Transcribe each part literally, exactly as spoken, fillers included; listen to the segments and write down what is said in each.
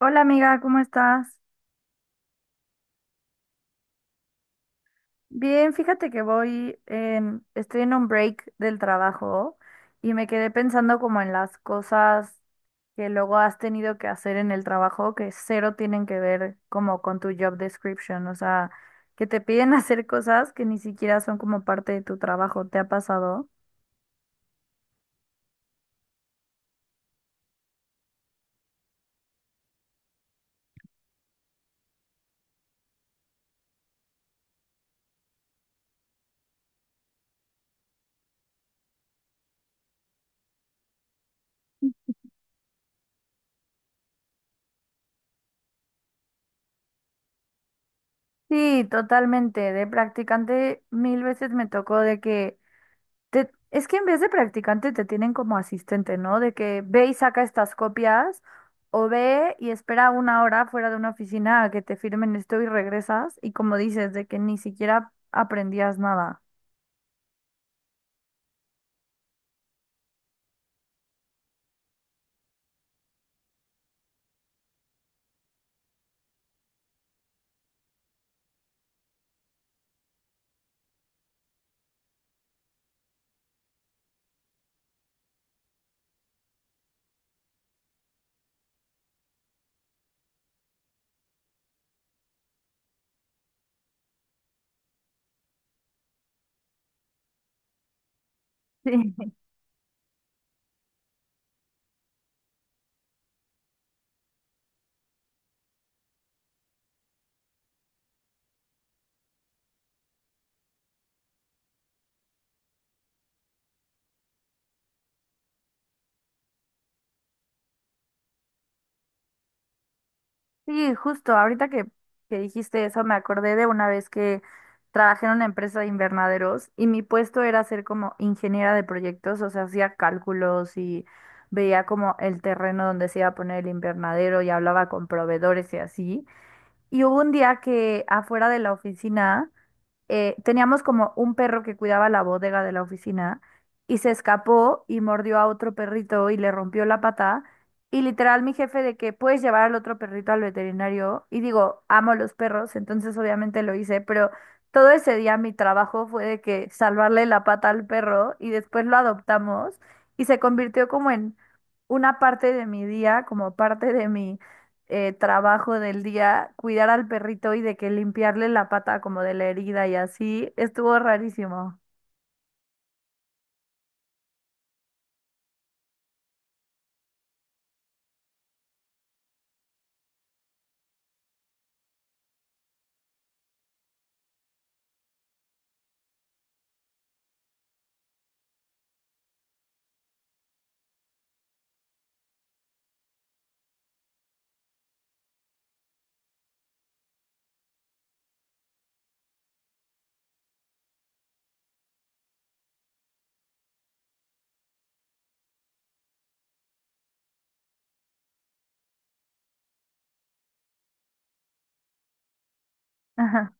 Hola amiga, ¿cómo estás? Bien, fíjate que voy en, estoy en un break del trabajo y me quedé pensando como en las cosas que luego has tenido que hacer en el trabajo que cero tienen que ver como con tu job description, o sea, que te piden hacer cosas que ni siquiera son como parte de tu trabajo, ¿te ha pasado? Sí, totalmente. De practicante mil veces me tocó de que te- es que en vez de practicante te tienen como asistente, ¿no? De que ve y saca estas copias o ve y espera una hora fuera de una oficina a que te firmen esto y regresas y como dices, de que ni siquiera aprendías nada. Sí, sí, justo, ahorita que, que dijiste eso me acordé de una vez que trabajé en una empresa de invernaderos y mi puesto era ser como ingeniera de proyectos, o sea, hacía cálculos y veía como el terreno donde se iba a poner el invernadero y hablaba con proveedores y así. Y hubo un día que afuera de la oficina eh, teníamos como un perro que cuidaba la bodega de la oficina y se escapó y mordió a otro perrito y le rompió la pata. Y literal mi jefe de que puedes llevar al otro perrito al veterinario. Y digo, amo los perros, entonces obviamente lo hice, pero todo ese día mi trabajo fue de que salvarle la pata al perro y después lo adoptamos y se convirtió como en una parte de mi día, como parte de mí eh, trabajo del día, cuidar al perrito y de que limpiarle la pata como de la herida y así, estuvo rarísimo. Ajá.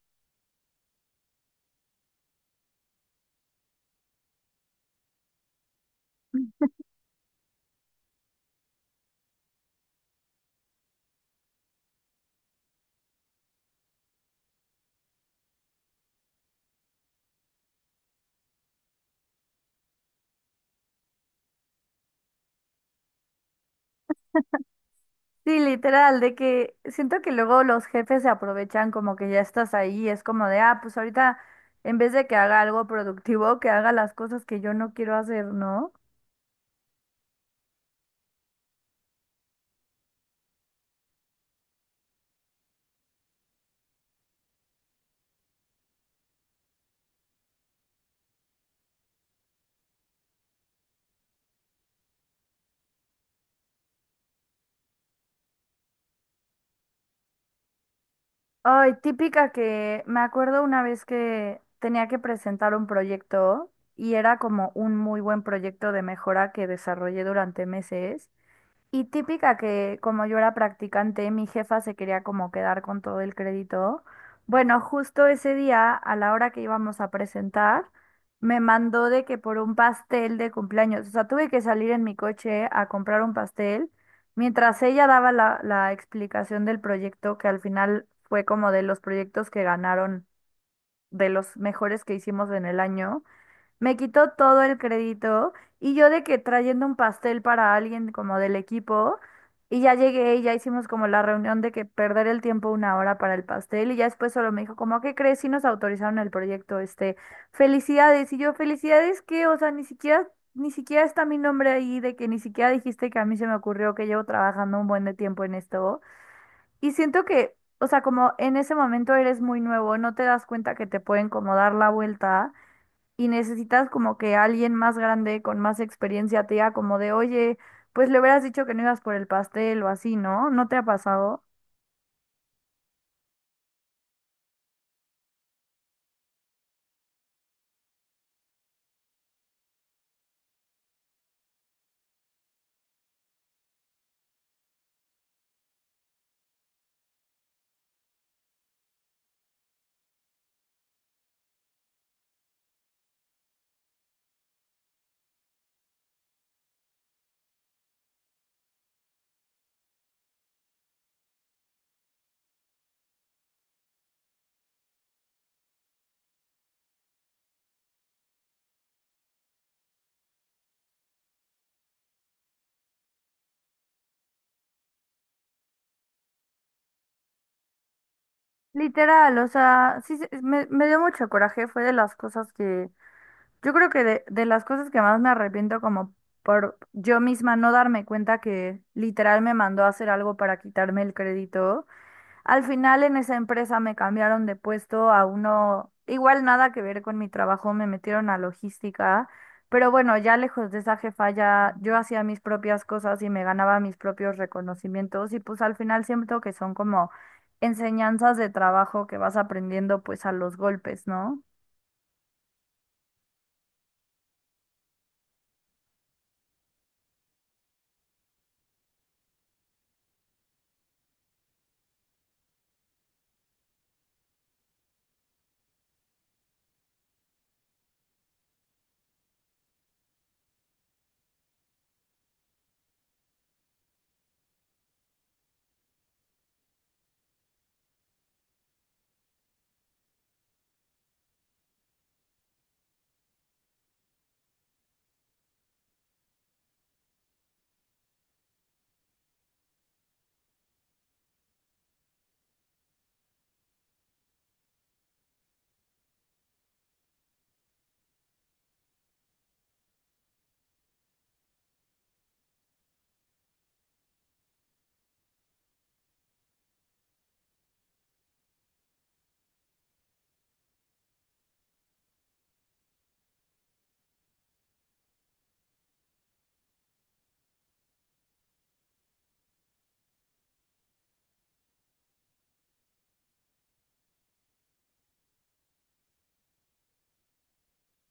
Sí, literal, de que siento que luego los jefes se aprovechan como que ya estás ahí, es como de, ah, pues ahorita en vez de que haga algo productivo, que haga las cosas que yo no quiero hacer, ¿no? Ay, típica que me acuerdo una vez que tenía que presentar un proyecto y era como un muy buen proyecto de mejora que desarrollé durante meses. Y típica que como yo era practicante, mi jefa se quería como quedar con todo el crédito. Bueno, justo ese día, a la hora que íbamos a presentar, me mandó de que por un pastel de cumpleaños, o sea, tuve que salir en mi coche a comprar un pastel, mientras ella daba la, la explicación del proyecto, que al final fue como de los proyectos que ganaron, de los mejores que hicimos en el año. Me quitó todo el crédito y yo de que trayendo un pastel para alguien como del equipo y ya llegué y ya hicimos como la reunión de que perder el tiempo una hora para el pastel y ya después solo me dijo como, ¿qué crees? Si nos autorizaron el proyecto, este, felicidades y yo, felicidades que, o sea, ni siquiera, ni siquiera está mi nombre ahí de que ni siquiera dijiste que a mí se me ocurrió que llevo trabajando un buen de tiempo en esto y siento que, o sea, como en ese momento eres muy nuevo, no te das cuenta que te pueden como dar la vuelta y necesitas como que alguien más grande, con más experiencia, te diga como de, oye, pues le hubieras dicho que no ibas por el pastel o así, ¿no? ¿No te ha pasado? Literal, o sea, sí, se- me, me dio mucho coraje, fue de las cosas que, yo creo que de, de las cosas que más me arrepiento como por yo misma no darme cuenta que literal me mandó a hacer algo para quitarme el crédito. Al final en esa empresa me cambiaron de puesto a uno, igual nada que ver con mi trabajo, me metieron a logística, pero bueno, ya lejos de esa jefa ya yo hacía mis propias cosas y me ganaba mis propios reconocimientos y pues al final siento que son como enseñanzas de trabajo que vas aprendiendo pues a los golpes, ¿no?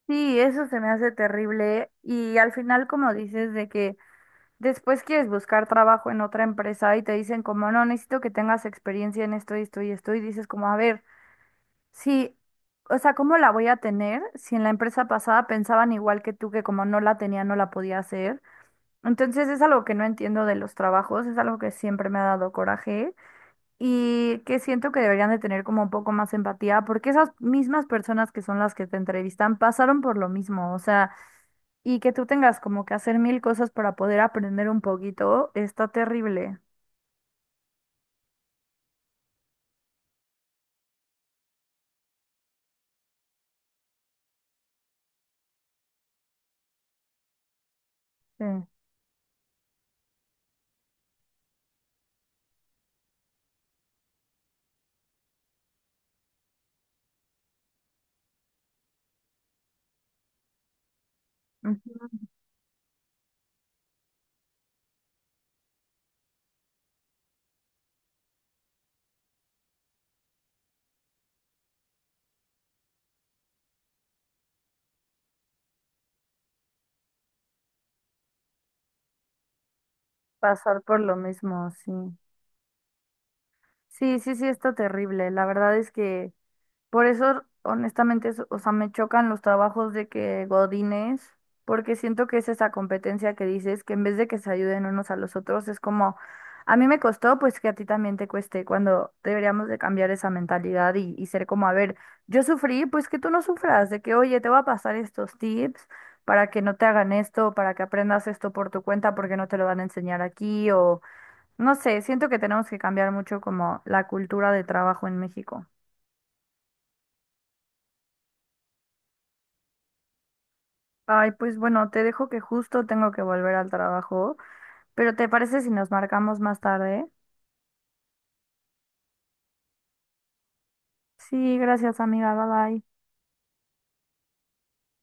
Sí, eso se me hace terrible y al final como dices de que después quieres buscar trabajo en otra empresa y te dicen como no, necesito que tengas experiencia en esto y esto y esto y dices como a ver. Sí, o sea, ¿cómo la voy a tener si en la empresa pasada pensaban igual que tú que como no la tenía no la podía hacer? Entonces es algo que no entiendo de los trabajos, es algo que siempre me ha dado coraje y que siento que deberían de tener como un poco más empatía porque esas mismas personas que son las que te entrevistan pasaron por lo mismo, o sea, y que tú tengas como que hacer mil cosas para poder aprender un poquito, está terrible. Sí. Ujú. Pasar por lo mismo, sí. Sí, sí, sí, está terrible. La verdad es que... Por eso, honestamente, es- o sea, me chocan los trabajos de que Godines, porque siento que es esa competencia que dices, que en vez de que se ayuden unos a los otros, es como, a mí me costó, pues que a ti también te cueste, cuando deberíamos de cambiar esa mentalidad y, y ser como, a ver, yo sufrí, pues que tú no sufras, de que, oye, te voy a pasar estos tips para que no te hagan esto, para que aprendas esto por tu cuenta, porque no te lo van a enseñar aquí, o no sé, siento que tenemos que cambiar mucho como la cultura de trabajo en México. Ay, pues bueno, te dejo que justo tengo que volver al trabajo, pero ¿te parece si nos marcamos más tarde? Sí, gracias amiga, bye bye.